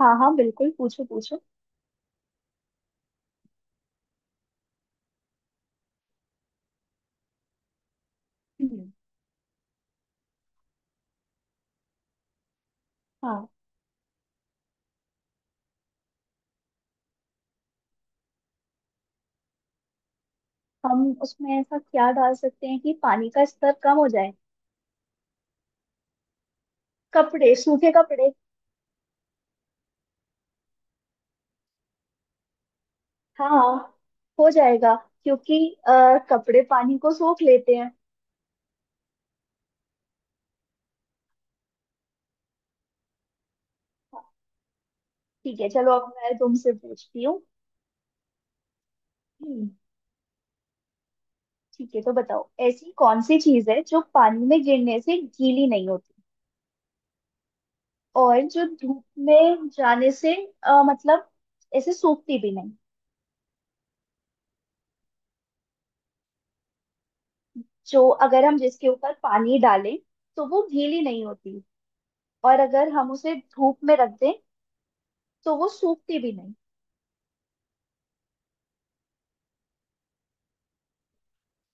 हाँ हाँ, बिल्कुल पूछो पूछो। हम्म। हाँ। हम उसमें ऐसा क्या डाल सकते हैं कि पानी का स्तर कम हो जाए? कपड़े, सूखे कपड़े। हाँ, हो जाएगा, क्योंकि कपड़े पानी को सोख लेते हैं। ठीक है, चलो अब मैं तुमसे पूछती हूँ। हम्म। ठीक है, तो बताओ ऐसी कौन सी चीज है जो पानी में गिरने से गीली नहीं होती, और जो धूप में जाने से, मतलब ऐसे सूखती भी नहीं। जो, अगर हम जिसके ऊपर पानी डालें तो वो गीली नहीं होती, और अगर हम उसे धूप में रख दें तो वो सूखती भी नहीं।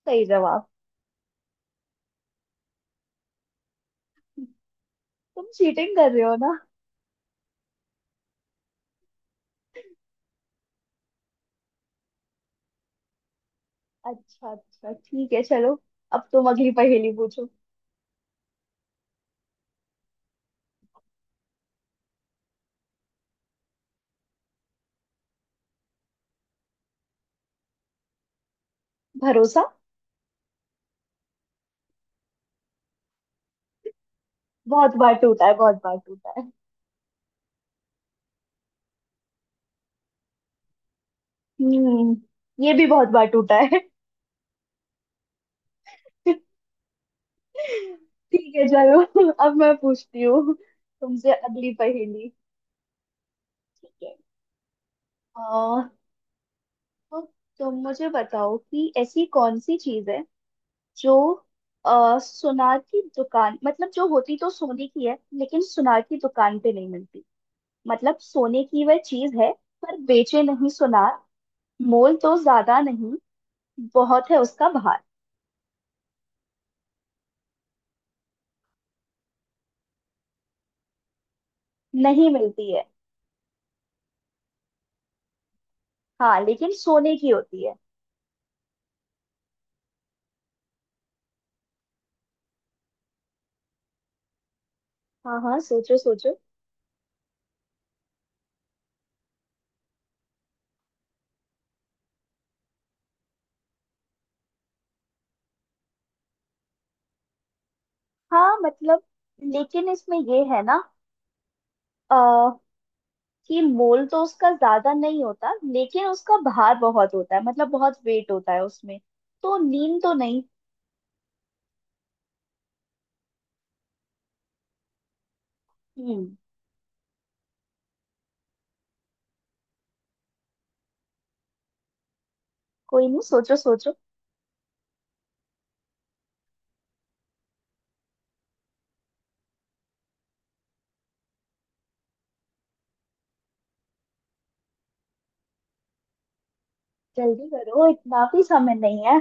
सही जवाब। तुम चीटिंग कर रहे हो ना? अच्छा अच्छा, ठीक है चलो, अब तुम अगली पहेली पूछो। भरोसा। बहुत बार टूटा है, बहुत बार टूटा है। हम्म, ये भी बहुत बार टूटा है। ठीक है चलो, अब मैं पूछती हूँ तुमसे अगली पहेली। ठीक है। आ, तो तुम मुझे बताओ कि ऐसी कौन सी चीज है जो, सुनार की दुकान, मतलब जो होती तो सोने की है लेकिन सुनार की दुकान पे नहीं मिलती। मतलब सोने की वह चीज है पर बेचे नहीं सुनार। मोल तो ज्यादा नहीं, बहुत है उसका भार। नहीं मिलती है। हाँ, लेकिन सोने की होती है। हाँ हाँ, सोचो सोचो। हाँ मतलब, लेकिन इसमें ये है ना, आ, कि मोल तो उसका ज्यादा नहीं होता लेकिन उसका भार बहुत होता है, मतलब बहुत वेट होता है उसमें। तो नींद तो नहीं। हम्म। कोई नहीं, सोचो सोचो। जल्दी करो, इतना भी समय नहीं है।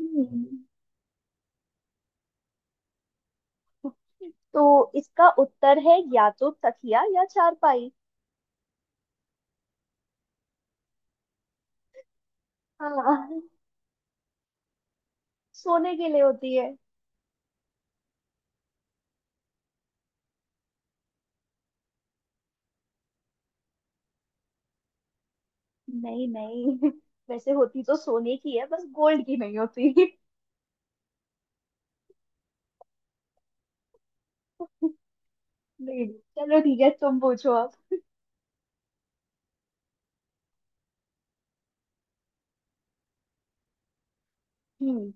हम्म, तो इसका उत्तर है या तो तकिया या चारपाई। हाँ, सोने के लिए होती है। नहीं नहीं, वैसे होती तो सोने की है, बस गोल्ड की नहीं होती। नहीं। नहीं। चलो ठीक है, तुम पूछो अब। हम्म।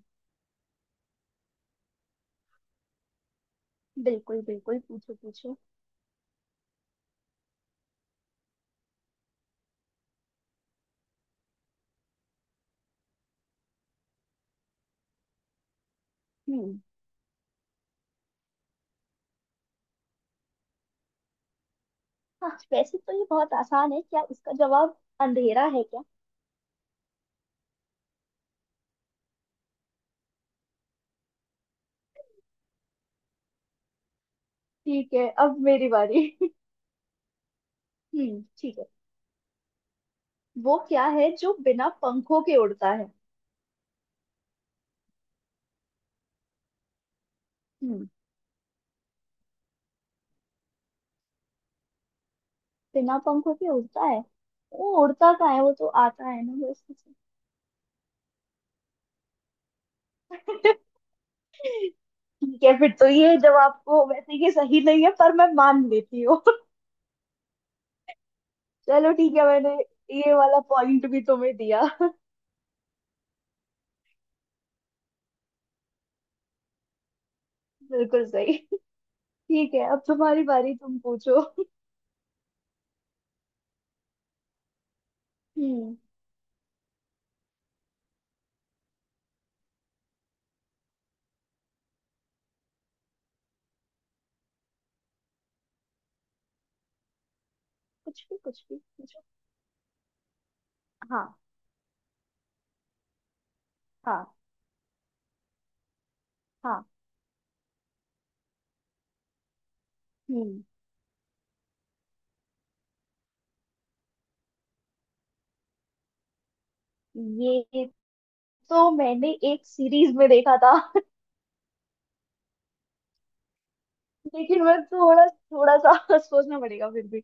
बिल्कुल बिल्कुल, पूछो पूछो। हम्म। हाँ वैसे तो ये बहुत आसान है, क्या इसका जवाब अंधेरा है क्या? ठीक है, अब मेरी बारी। हम्म, ठीक है। वो क्या है जो बिना पंखों के उड़ता है? हम्म। बिना पंखों के उड़ता है, वो उड़ता कहाँ है, वो तो आता है ना बस। ठीक है फिर तो, ये जवाब को वैसे ये सही नहीं है पर मैं मान लेती हूँ। चलो ठीक है, मैंने ये वाला पॉइंट भी तुम्हें दिया। बिल्कुल सही। ठीक है, अब तुम्हारी बारी, तुम पूछो। हम्म। कुछ भी पूछो। हाँ। हाँ। हाँ। हम्म। ये तो मैंने एक सीरीज में देखा था। लेकिन मैं थोड़ा थोड़ा सा, सोचना पड़ेगा फिर भी।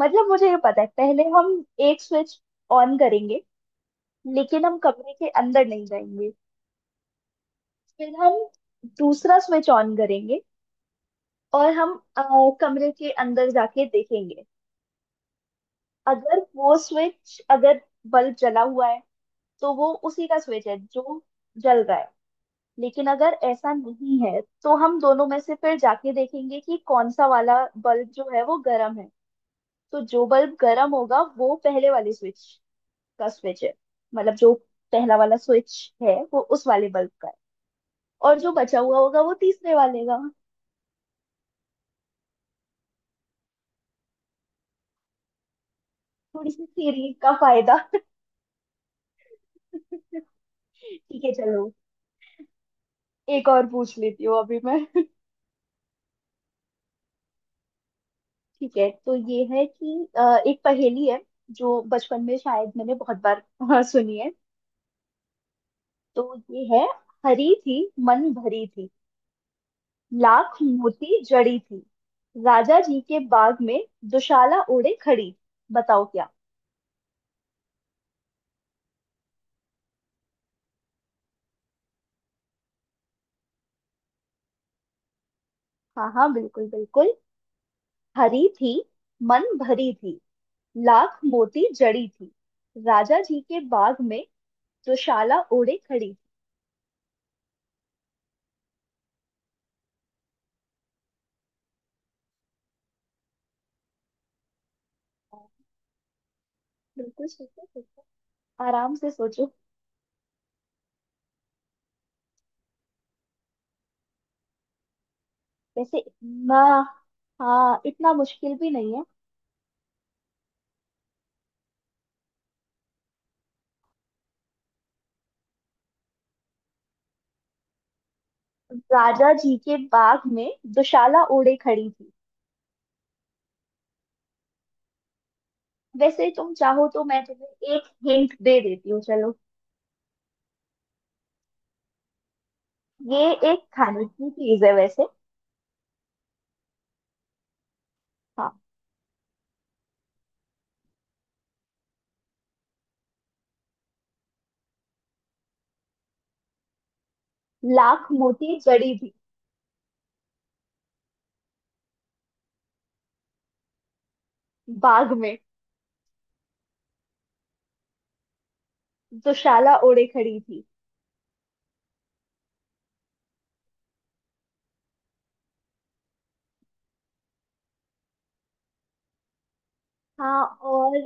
मतलब मुझे ये पता है, पहले हम एक स्विच ऑन करेंगे, लेकिन हम कमरे के अंदर नहीं जाएंगे। फिर हम दूसरा स्विच ऑन करेंगे, और हम अ, कमरे के अंदर जाके देखेंगे। अगर वो स्विच, अगर बल्ब जला हुआ है तो वो उसी का स्विच है जो जल रहा है। लेकिन अगर ऐसा नहीं है तो हम दोनों में से फिर जाके देखेंगे कि कौन सा वाला बल्ब जो है वो गर्म है। तो जो बल्ब गर्म होगा वो पहले वाले स्विच का स्विच है, मतलब जो पहला वाला स्विच है वो उस वाले बल्ब का है। और जो बचा हुआ होगा वो तीसरे वाले का। थोड़ी सी थ्योरी का फायदा। ठीक है चलो, एक और पूछ लेती हूँ अभी मैं। ठीक है, तो ये है कि एक पहेली है जो बचपन में शायद मैंने बहुत बार सुनी है। तो ये है, हरी थी, मन भरी थी, लाख मोती जड़ी थी, राजा जी के बाग में दुशाला ओढ़े खड़ी। बताओ क्या? हाँ हाँ, बिल्कुल बिल्कुल। हरी थी, मन भरी थी, लाख मोती जड़ी थी, राजा जी के बाग में दुशाला ओढ़े खड़ी थी। हाँ, बिल्कुल सोचो सोचो, आराम से सोचो। वैसे इतना, हाँ इतना मुश्किल भी नहीं है। राजा जी के बाग में दुशाला ओढ़े खड़ी थी। वैसे तुम चाहो तो मैं तुम्हें एक हिंट दे देती हूँ, चलो। ये एक खाने की चीज है वैसे। हाँ। लाख मोती जड़ी थी। बाग में। दुशाला ओढ़े खड़ी थी। हाँ, और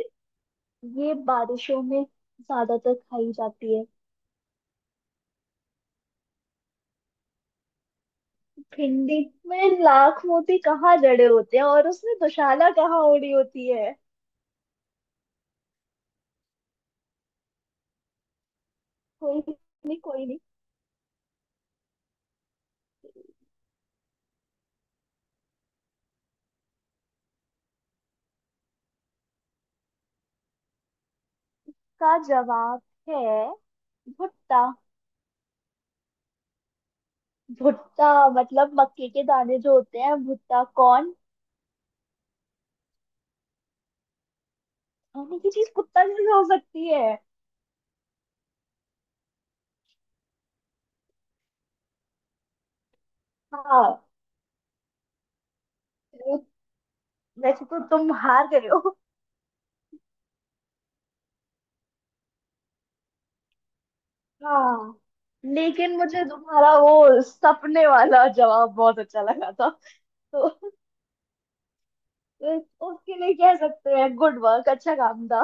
ये बारिशों में ज्यादातर खाई जाती है। भिंडी में लाख मोती कहाँ जड़े होते हैं, और उसमें दुशाला कहाँ ओढ़ी होती है? कोई नहीं, कोई नहीं। का जवाब है भुट्टा। भुट्टा, मतलब मक्के के दाने जो होते हैं भुट्टा कौन। खाने की चीज, भुट्टा कैसे हो सकती है? हाँ। वैसे तो तुम हार गए हो। हाँ, लेकिन मुझे तुम्हारा वो सपने वाला जवाब बहुत अच्छा लगा था। तो उसके लिए कह सकते हैं गुड वर्क, अच्छा काम था।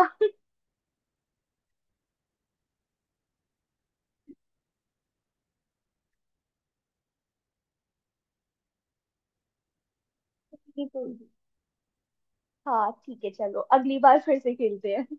बिल्कुल। हाँ ठीक है चलो, अगली बार फिर से खेलते हैं।